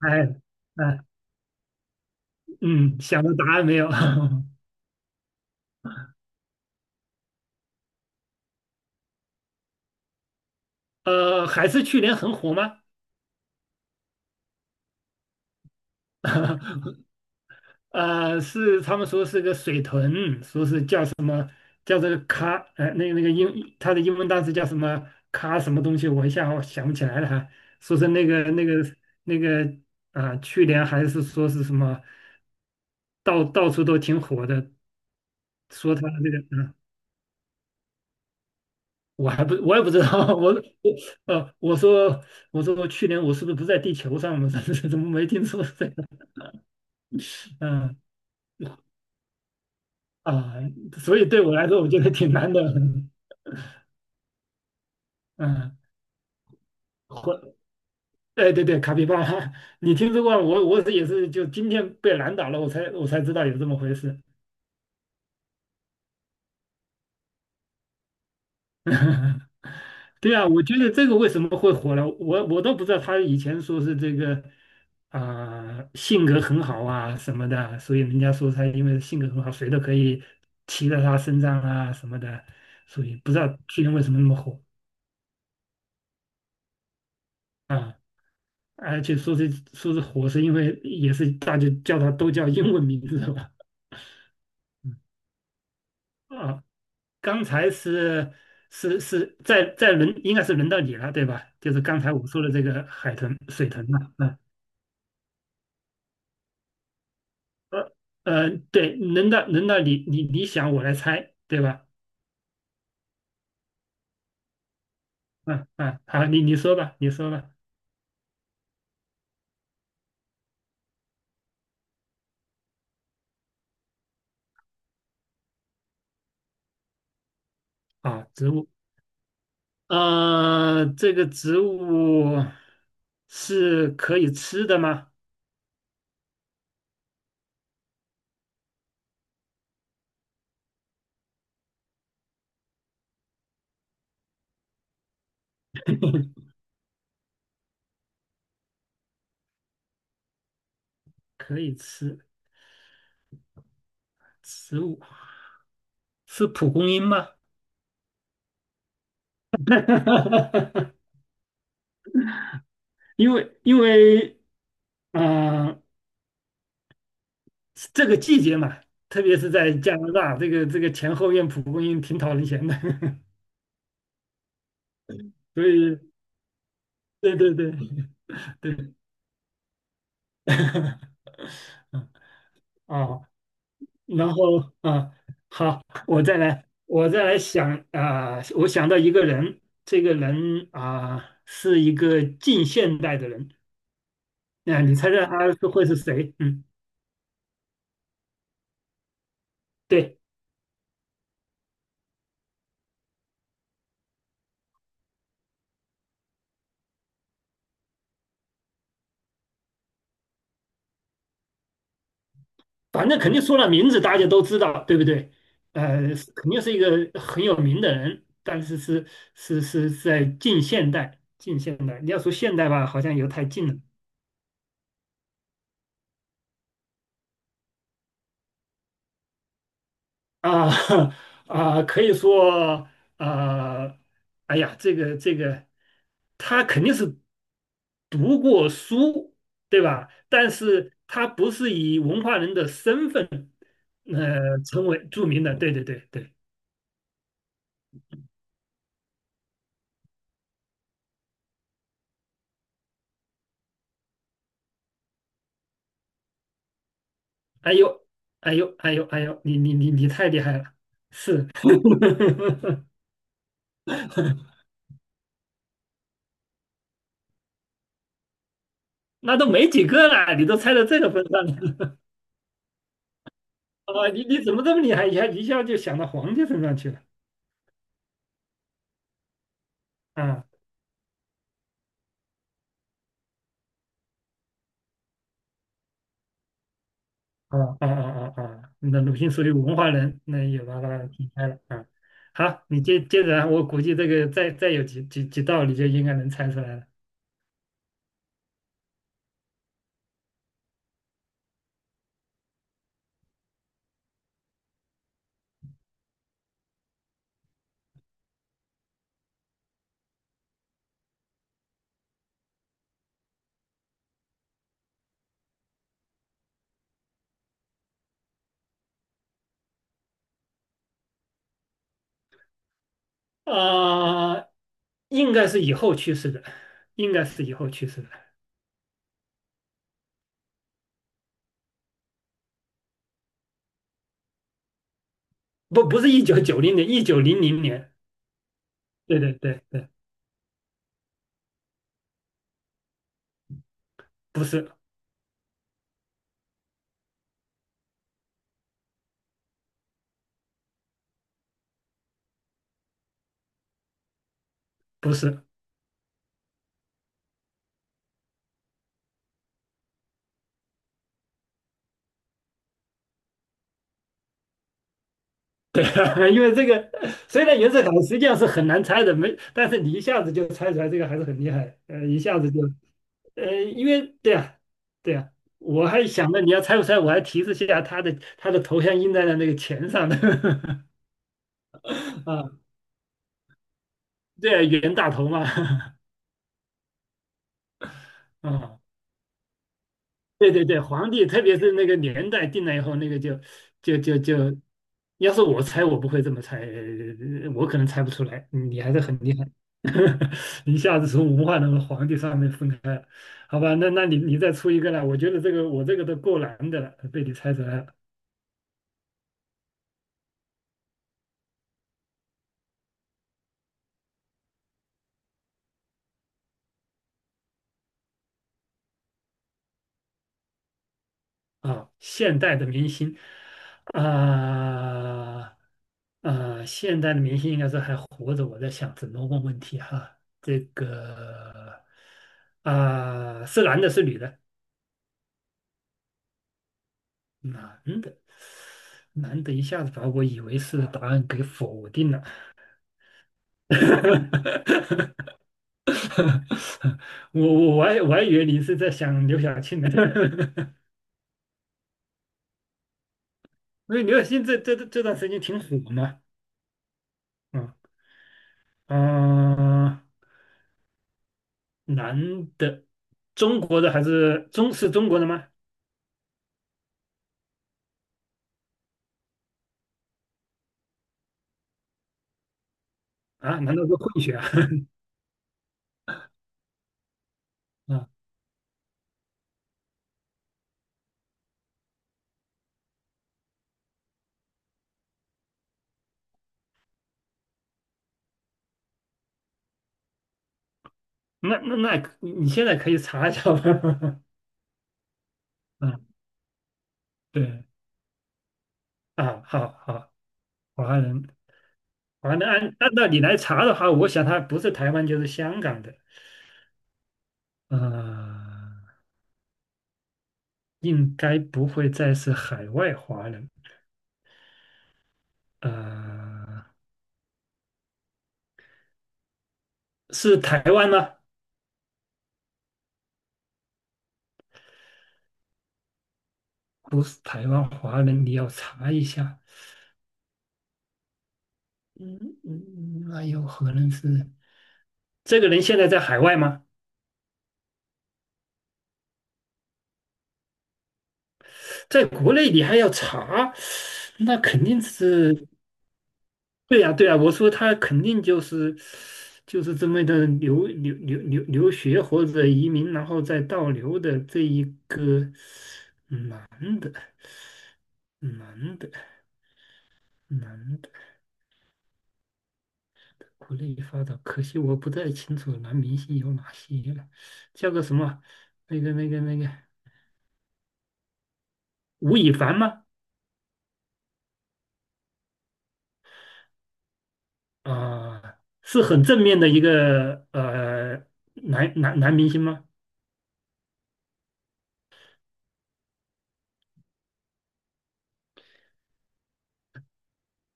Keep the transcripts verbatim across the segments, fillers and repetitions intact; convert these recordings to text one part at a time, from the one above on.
哎哎，嗯，想到答案没有？呃，还是去年很火吗？呃，是他们说是个水豚，说是叫什么叫这个咖，呃，那个那个英，它的英文单词叫什么咖什么东西，我一下我想不起来了哈。说是那个那个那个啊、去年还是说是什么，到到处都挺火的，说它那个啊我还不我也不知道。我我呃，我说我说去年我是不是不在地球上？我怎么怎么没听说这个？嗯啊，所以对我来说，我觉得挺难的。嗯，或哎对对，卡皮巴拉，你听说过？我我也是就今天被难倒了，我才我才知道有这么回事。对啊，我觉得这个为什么会火了，我我都不知道。他以前说是这个啊、性格很好啊什么的，所以人家说他因为性格很好，谁都可以骑在他身上啊什么的，所以不知道去年为什么那么火啊。而且说是说是火，是因为也是大家叫他都叫英文名字的吧？嗯啊，刚才是是是在在轮应该是轮到你了，对吧？就是刚才我说的这个海豚水豚嘛，啊，呃呃，对，轮到轮到你你你想我来猜，对吧？嗯嗯，好，你你说吧，你说吧。啊，植物，呃，这个植物是可以吃的吗？可以吃，植物是蒲公英吗？因为因为，嗯、这个季节嘛，特别是在加拿大，这个这个前后院蒲公英挺讨人嫌的，所以对对对对。哦，然后啊，好，我再来，我再来想啊，我想到一个人，这个人啊是一个近现代的人，那你猜猜他是会是谁？嗯，对，反正肯定说了名字，大家都知道，对不对？呃，是肯定是一个很有名的人，但是是是是在近现代，近现代，你要说现代吧，好像又太近了，啊。 啊，可以说啊，哎呀，这个这个，他肯定是读过书，对吧？但是他不是以文化人的身份呃成为著名的，对对对对。哎呦，哎呦，哎呦，哎呦，你你你你太厉害了，是。那都没几个了，你都猜到这个份上了。 啊！你你怎么这么厉害，一下一下就想到皇帝身上去了啊？啊哦哦哦哦，那鲁迅属于文化人，那也把它劈开了啊。好，你接接着啊，我估计这个再再有几几几道，你就应该能猜出来了。啊、应该是以后去世的，应该是以后去世的，不不是一九九零年，一九零零年。对对对对，不是不是。因为这个虽然袁世凯实际上是很难猜的，没，但是你一下子就猜出来，这个还是很厉害，呃，一下子就，呃，因为对呀、对呀、我还想着你要猜不猜，我还提示一下他的他的头像印在了那个钱上的。 啊，对啊，袁大头嘛。啊，对对对，皇帝，特别是那个年代定了以后，那个就就就就，要是我猜，我不会这么猜，呃我可能猜不出来，你还是很厉害。一下子从文化那个皇帝上面分开了，好吧，那那你你再出一个来，我觉得这个我这个都够难的了，被你猜出来了。啊，现代的明星，啊、啊、现代的明星应该是还活着。我在想怎么问问题哈，这个啊、是男的，是女的？男的，男的，一下子把我以为是答案给否定了。我我我还我还以为你是在想刘晓庆呢。因为刘晓庆这这这段时间挺火嘛，嗯啊。啊，男的，中国的还是中是中国的吗？啊，难道是混血啊？啊，那那那，你现在可以查一下吧。嗯，对啊，好好，华人，华人按按道理来查的话，我想他不是台湾就是香港的，呃，应该不会再是海外华人，呃，是台湾吗？不是台湾华人，你要查一下。嗯嗯，那有可能是这个人现在在海外吗？在国内你还要查，那肯定是。对呀、对呀、我说他肯定就是就是这么的留留留留留学或者移民，然后再倒流的这一个男的男的男的国内发展，可惜我不太清楚男明星有哪些了，叫个什么那个那个那个吴亦凡吗？啊、是很正面的一个呃男男男明星吗？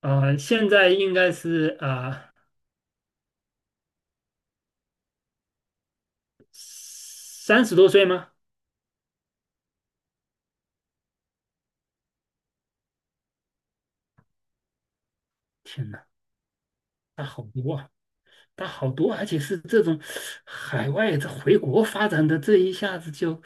呃，现在应该是啊三十多岁吗？天哪，他好多啊，他好多，而且是这种海外这回国发展的，这一下子就，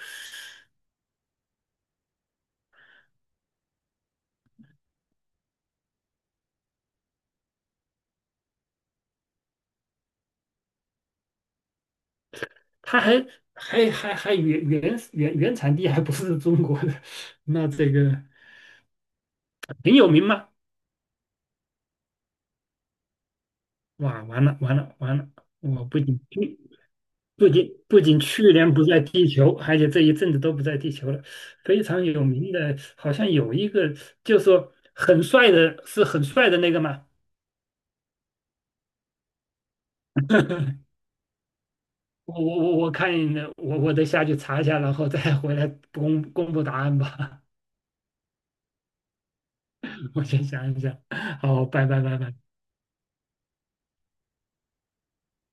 他还还还还原原原原产地还不是中国的，那这个挺有名吗？哇，完了完了完了，我不仅听不仅不仅去年不在地球，而且这一阵子都不在地球了。非常有名的，好像有一个，就说很帅的，是很帅的那个嘛。我我我我看我我得下去查一下，然后再回来公公布答案吧。我先想一想。好，拜拜拜拜。